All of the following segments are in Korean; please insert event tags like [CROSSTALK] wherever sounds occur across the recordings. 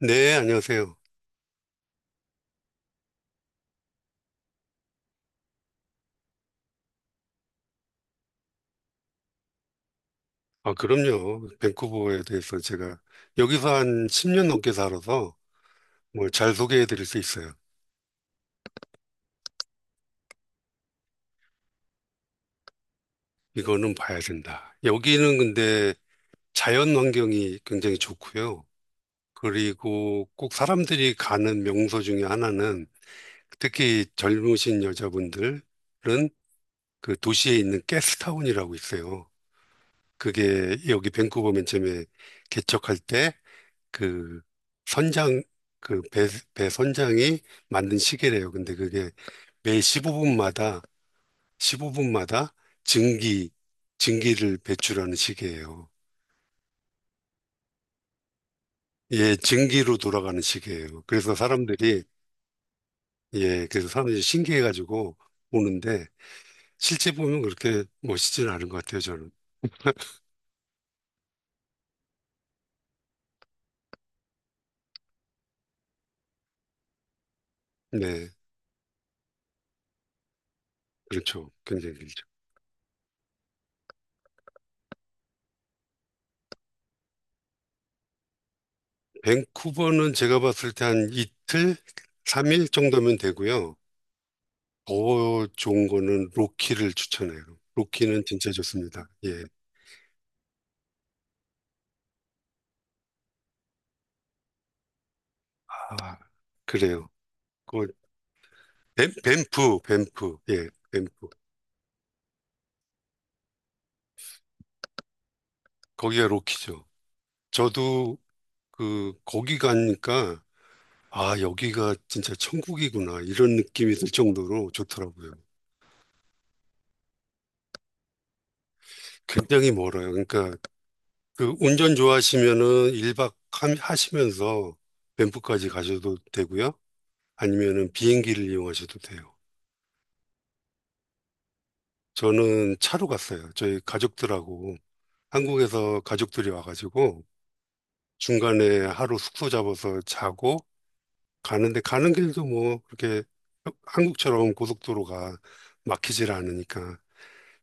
네, 안녕하세요. 아, 그럼요. 밴쿠버에 대해서 제가 여기서 한 10년 넘게 살아서 뭘 잘 소개해 드릴 수 있어요. 이거는 봐야 된다. 여기는 근데 자연 환경이 굉장히 좋고요. 그리고 꼭 사람들이 가는 명소 중에 하나는 특히 젊으신 여자분들은 그 도시에 있는 게스트타운이라고 있어요. 그게 여기 밴쿠버 맨 처음에 개척할 때 그 선장, 그 배 선장이 만든 시계래요. 근데 그게 매 15분마다 증기 증기를 배출하는 시계예요. 예, 증기로 돌아가는 시계예요. 그래서 사람들이 신기해가지고 오는데 실제 보면 그렇게 멋있진 않은 것 같아요. 저는. 네, 그렇죠. 굉장히 길죠. 밴쿠버는 제가 봤을 때 한 이틀, 3일 정도면 되고요. 더 좋은 거는 로키를 추천해요. 로키는 진짜 좋습니다. 예. 아, 그래요. 그 뱀프. 예, 뱀프. 거기가 로키죠. 저도 그 거기 가니까 아, 여기가 진짜 천국이구나 이런 느낌이 들 정도로 좋더라고요. 굉장히 멀어요. 그러니까 그 운전 좋아하시면은 1박 하시면서 뱀프까지 가셔도 되고요. 아니면은 비행기를 이용하셔도 돼요. 저는 차로 갔어요. 저희 가족들하고 한국에서 가족들이 와가지고 중간에 하루 숙소 잡아서 자고 가는데, 가는 길도 뭐 그렇게 한국처럼 고속도로가 막히질 않으니까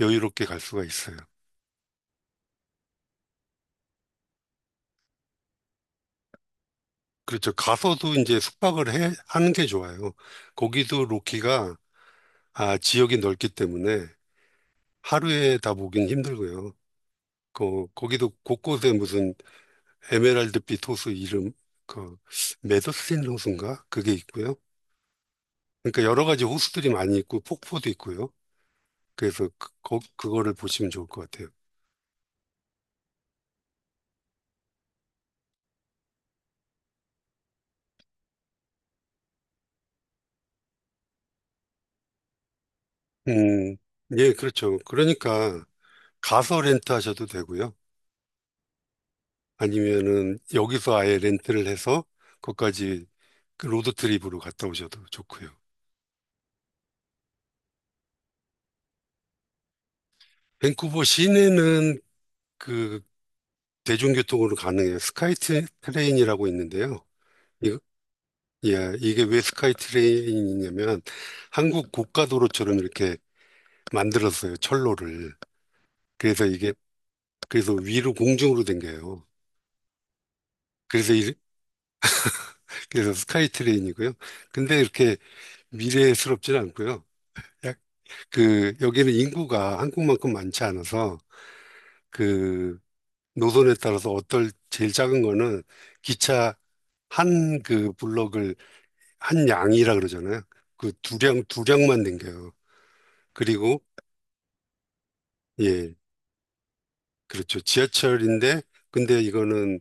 여유롭게 갈 수가 있어요. 그렇죠. 가서도 이제 숙박을 하는 게 좋아요. 거기도 로키가 아, 지역이 넓기 때문에 하루에 다 보긴 힘들고요. 거기도 곳곳에 무슨 에메랄드빛 호수 이름, 그, 메더스틴 호수인가? 그게 있고요. 그러니까 여러 가지 호수들이 많이 있고 폭포도 있고요. 그래서 그거를 보시면 좋을 것 같아요. 음, 예, 그렇죠. 그러니까 가서 렌트 하셔도 되고요. 아니면은 여기서 아예 렌트를 해서 거기까지 그 로드 트립으로 갔다 오셔도 좋고요. 밴쿠버 시내는 그 대중교통으로 가능해요. 스카이 트- 트레인이라고 있는데요. 이, 예, 이게 왜 스카이 트레인이냐면 한국 고가도로처럼 이렇게 만들었어요. 철로를. 그래서 이게, 그래서 위로 공중으로 댕겨요. 그래서 이- 그래서 스카이 트레인이고요. 근데 이렇게 미래스럽진 않고요. 약- 그 여기는 인구가 한국만큼 많지 않아서 그 노선에 따라서 어떨 제일 작은 거는 기차 한 그 블럭을 한 양이라 그러잖아요. 그 두량 두량만 댕겨요. 그리고 예, 그렇죠. 지하철인데 근데 이거는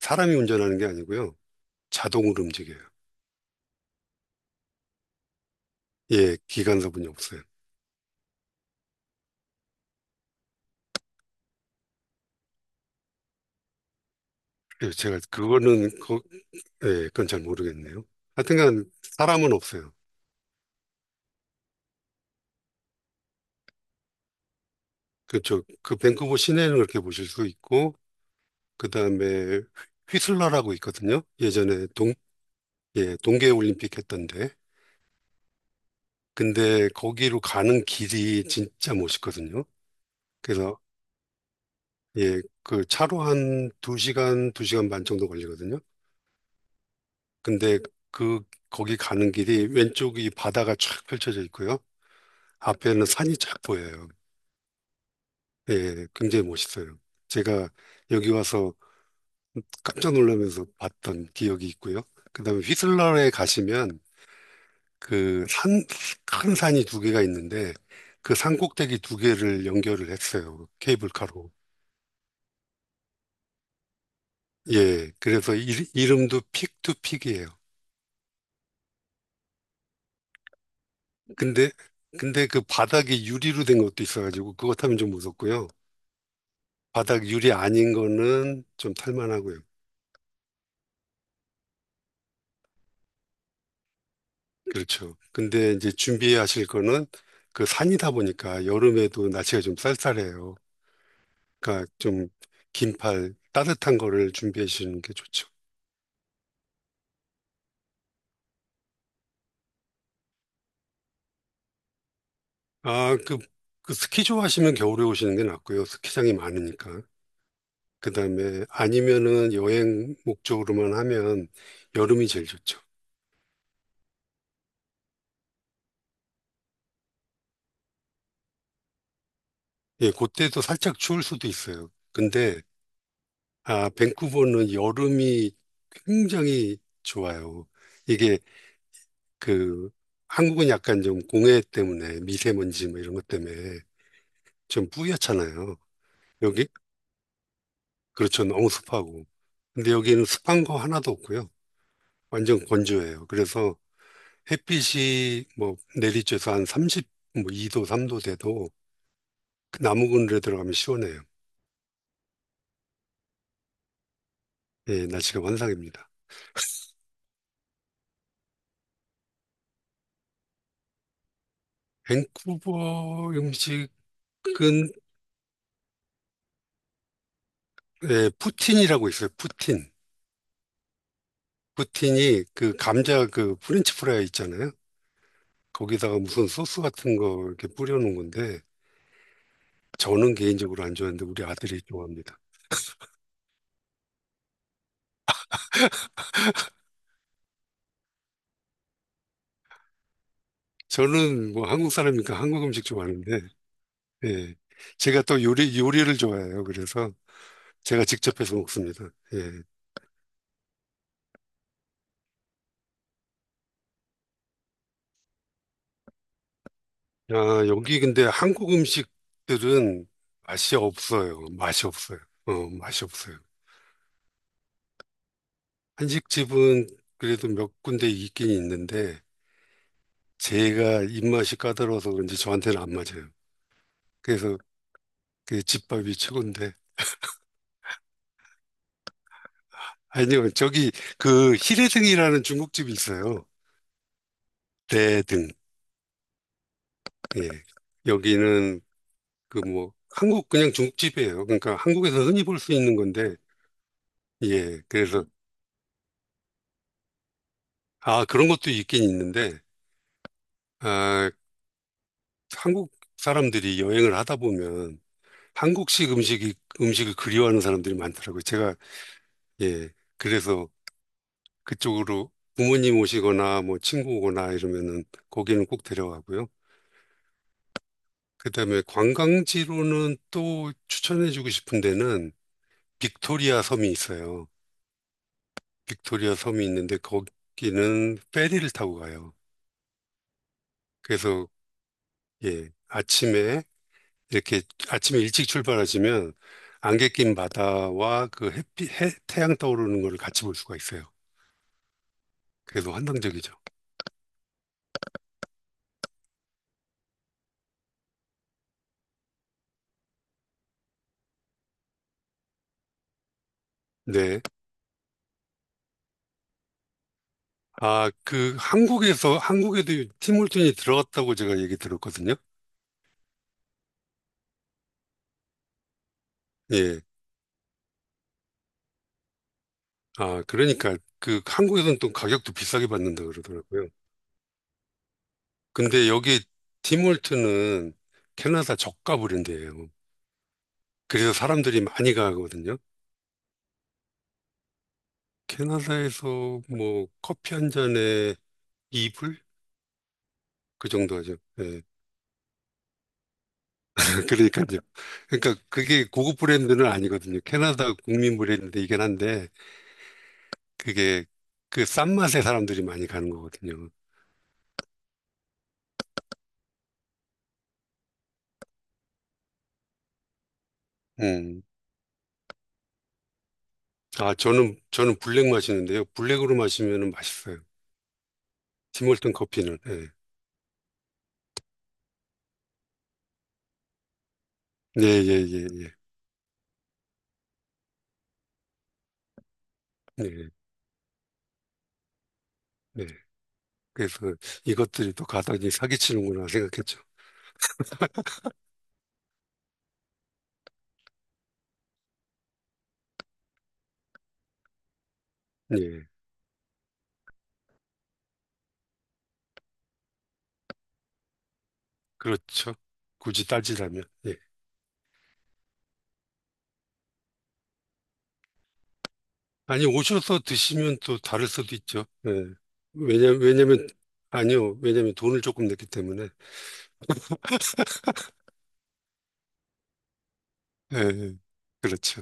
사람이 운전하는 게 아니고요, 자동으로 움직여요. 예, 기관사분이 없어요. 예, 제가 그거는 그, 예, 그건 잘 모르겠네요. 하여튼간 사람은 없어요. 그쪽 그 밴쿠버 시내는 그렇게 보실 수 있고 그다음에 휘슬러라고 있거든요. 예전에 동 예, 동계 올림픽 했던데. 근데 거기로 가는 길이 진짜 멋있거든요. 그래서 예, 그 차로 한 두시간두시간반 정도 걸리거든요. 근데 그 거기 가는 길이 왼쪽이 바다가 쫙 펼쳐져 있고요. 앞에는 산이 쫙 보여요. 예, 굉장히 멋있어요. 제가 여기 와서 깜짝 놀라면서 봤던 기억이 있고요. 그다음에 휘슬러에 가시면 그 산, 큰 산이 두 개가 있는데 그 산 꼭대기 두 개를 연결을 했어요. 케이블카로. 예, 그래서 이, 이름도 픽투픽이에요. 근데, 근데 그 바닥이 유리로 된 것도 있어가지고 그것 하면 좀 무섭고요. 바닥 유리 아닌 거는 좀 탈만하고요. 그렇죠. 근데 이제 준비하실 거는 그 산이다 보니까 여름에도 날씨가 좀 쌀쌀해요. 그러니까 좀 긴팔 따뜻한 거를 준비해 주시는 게 좋죠. 아, 그, 그 스키 좋아하시면 겨울에 오시는 게 낫고요. 스키장이 많으니까. 그다음에 아니면은 여행 목적으로만 하면 여름이 제일 좋죠. 예, 그때도 살짝 추울 수도 있어요. 근데 아, 밴쿠버는 여름이 굉장히 좋아요. 이게 그 한국은 약간 좀 공해 때문에 미세먼지 뭐 이런 것 때문에 좀 뿌옇잖아요. 여기 그렇죠. 너무 습하고. 근데 여기는 습한 거 하나도 없고요. 완전 건조해요. 그래서 햇빛이 뭐 내리쬐서 한3십뭐 2도, 3도 돼도 그 나무 그늘에 들어가면 시원해요. 예, 날씨가 환상입니다. 밴쿠버 음식은 예, 푸틴이라고 있어요. 푸틴. 푸틴이 그 감자 그 프렌치 프라이 있잖아요. 거기다가 무슨 소스 같은 거 이렇게 뿌려놓은 건데 저는 개인적으로 안 좋아하는데 우리 아들이 좋아합니다. 저는 뭐 한국 사람이니까 한국 음식 좋아하는데 예. 제가 또 요리를 좋아해요. 그래서 제가 직접 해서 먹습니다. 예. 아, 여기 근데 한국 음식들은 맛이 없어요. 맛이 없어요. 어, 맛이 없어요. 한식집은 그래도 몇 군데 있긴 있는데 제가 입맛이 까다로워서 그런지 저한테는 안 맞아요. 그래서 그 집밥이 최고인데 아니요, 저기 그 히레등이라는 중국집이 있어요. 대등. 예. 여기는 그 뭐 한국 그냥 중국집이에요. 그러니까 한국에서 흔히 볼 수 있는 건데 예. 그래서 아, 그런 것도 있긴 있는데 아, 한국 사람들이 여행을 하다 보면 한국식 음식이 음식을 그리워하는 사람들이 많더라고요. 제가. 예. 그래서 그쪽으로 부모님 오시거나 뭐 친구 오거나 이러면은 거기는 꼭 데려가고요. 그다음에 관광지로는 또 추천해주고 싶은 데는 빅토리아 섬이 있어요. 빅토리아 섬이 있는데 거기는 페리를 타고 가요. 그래서 예, 아침에 이렇게 아침에 일찍 출발하시면 안개 낀 바다와 그 햇빛, 해, 태양 떠오르는 거를 같이 볼 수가 있어요. 그래서 환상적이죠. 네. 아, 그 한국에서 한국에도 티몰튼이 들어갔다고 제가 얘기 들었거든요. 예. 아, 그러니까 그 한국에서는 또 가격도 비싸게 받는다 그러더라고요. 근데 여기 팀월트는 캐나다 저가 브랜드예요. 그래서 사람들이 많이 가거든요. 캐나다에서 뭐 커피 한 잔에 이불? 그 정도 하죠. 예. [LAUGHS] 그러니까요. 그러니까 그게 고급 브랜드는 아니거든요. 캐나다 국민 브랜드이긴 한데 그게 그 싼 맛에 사람들이 많이 가는 거거든요. 음. 아, 저는 블랙 마시는데요. 블랙으로 마시면 맛있어요. 팀월튼 커피는. 예. 네, 예, 예, 예. 네, 네. 그래서 이것들이 또 가당이 사기치는구나 생각했죠. 예, 그렇죠. 굳이 따지라면. 예. 아니, 오셔서 드시면 또 다를 수도 있죠. 예. 왜냐, 왜냐면, 아니요. 왜냐면 돈을 조금 냈기 때문에. [LAUGHS] 예, 예. 그렇죠.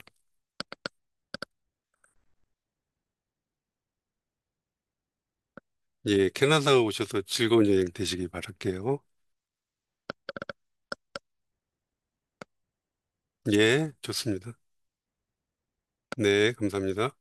예, 캐나다 오셔서 즐거운 여행 되시기 바랄게요. 예, 좋습니다. 네, 감사합니다.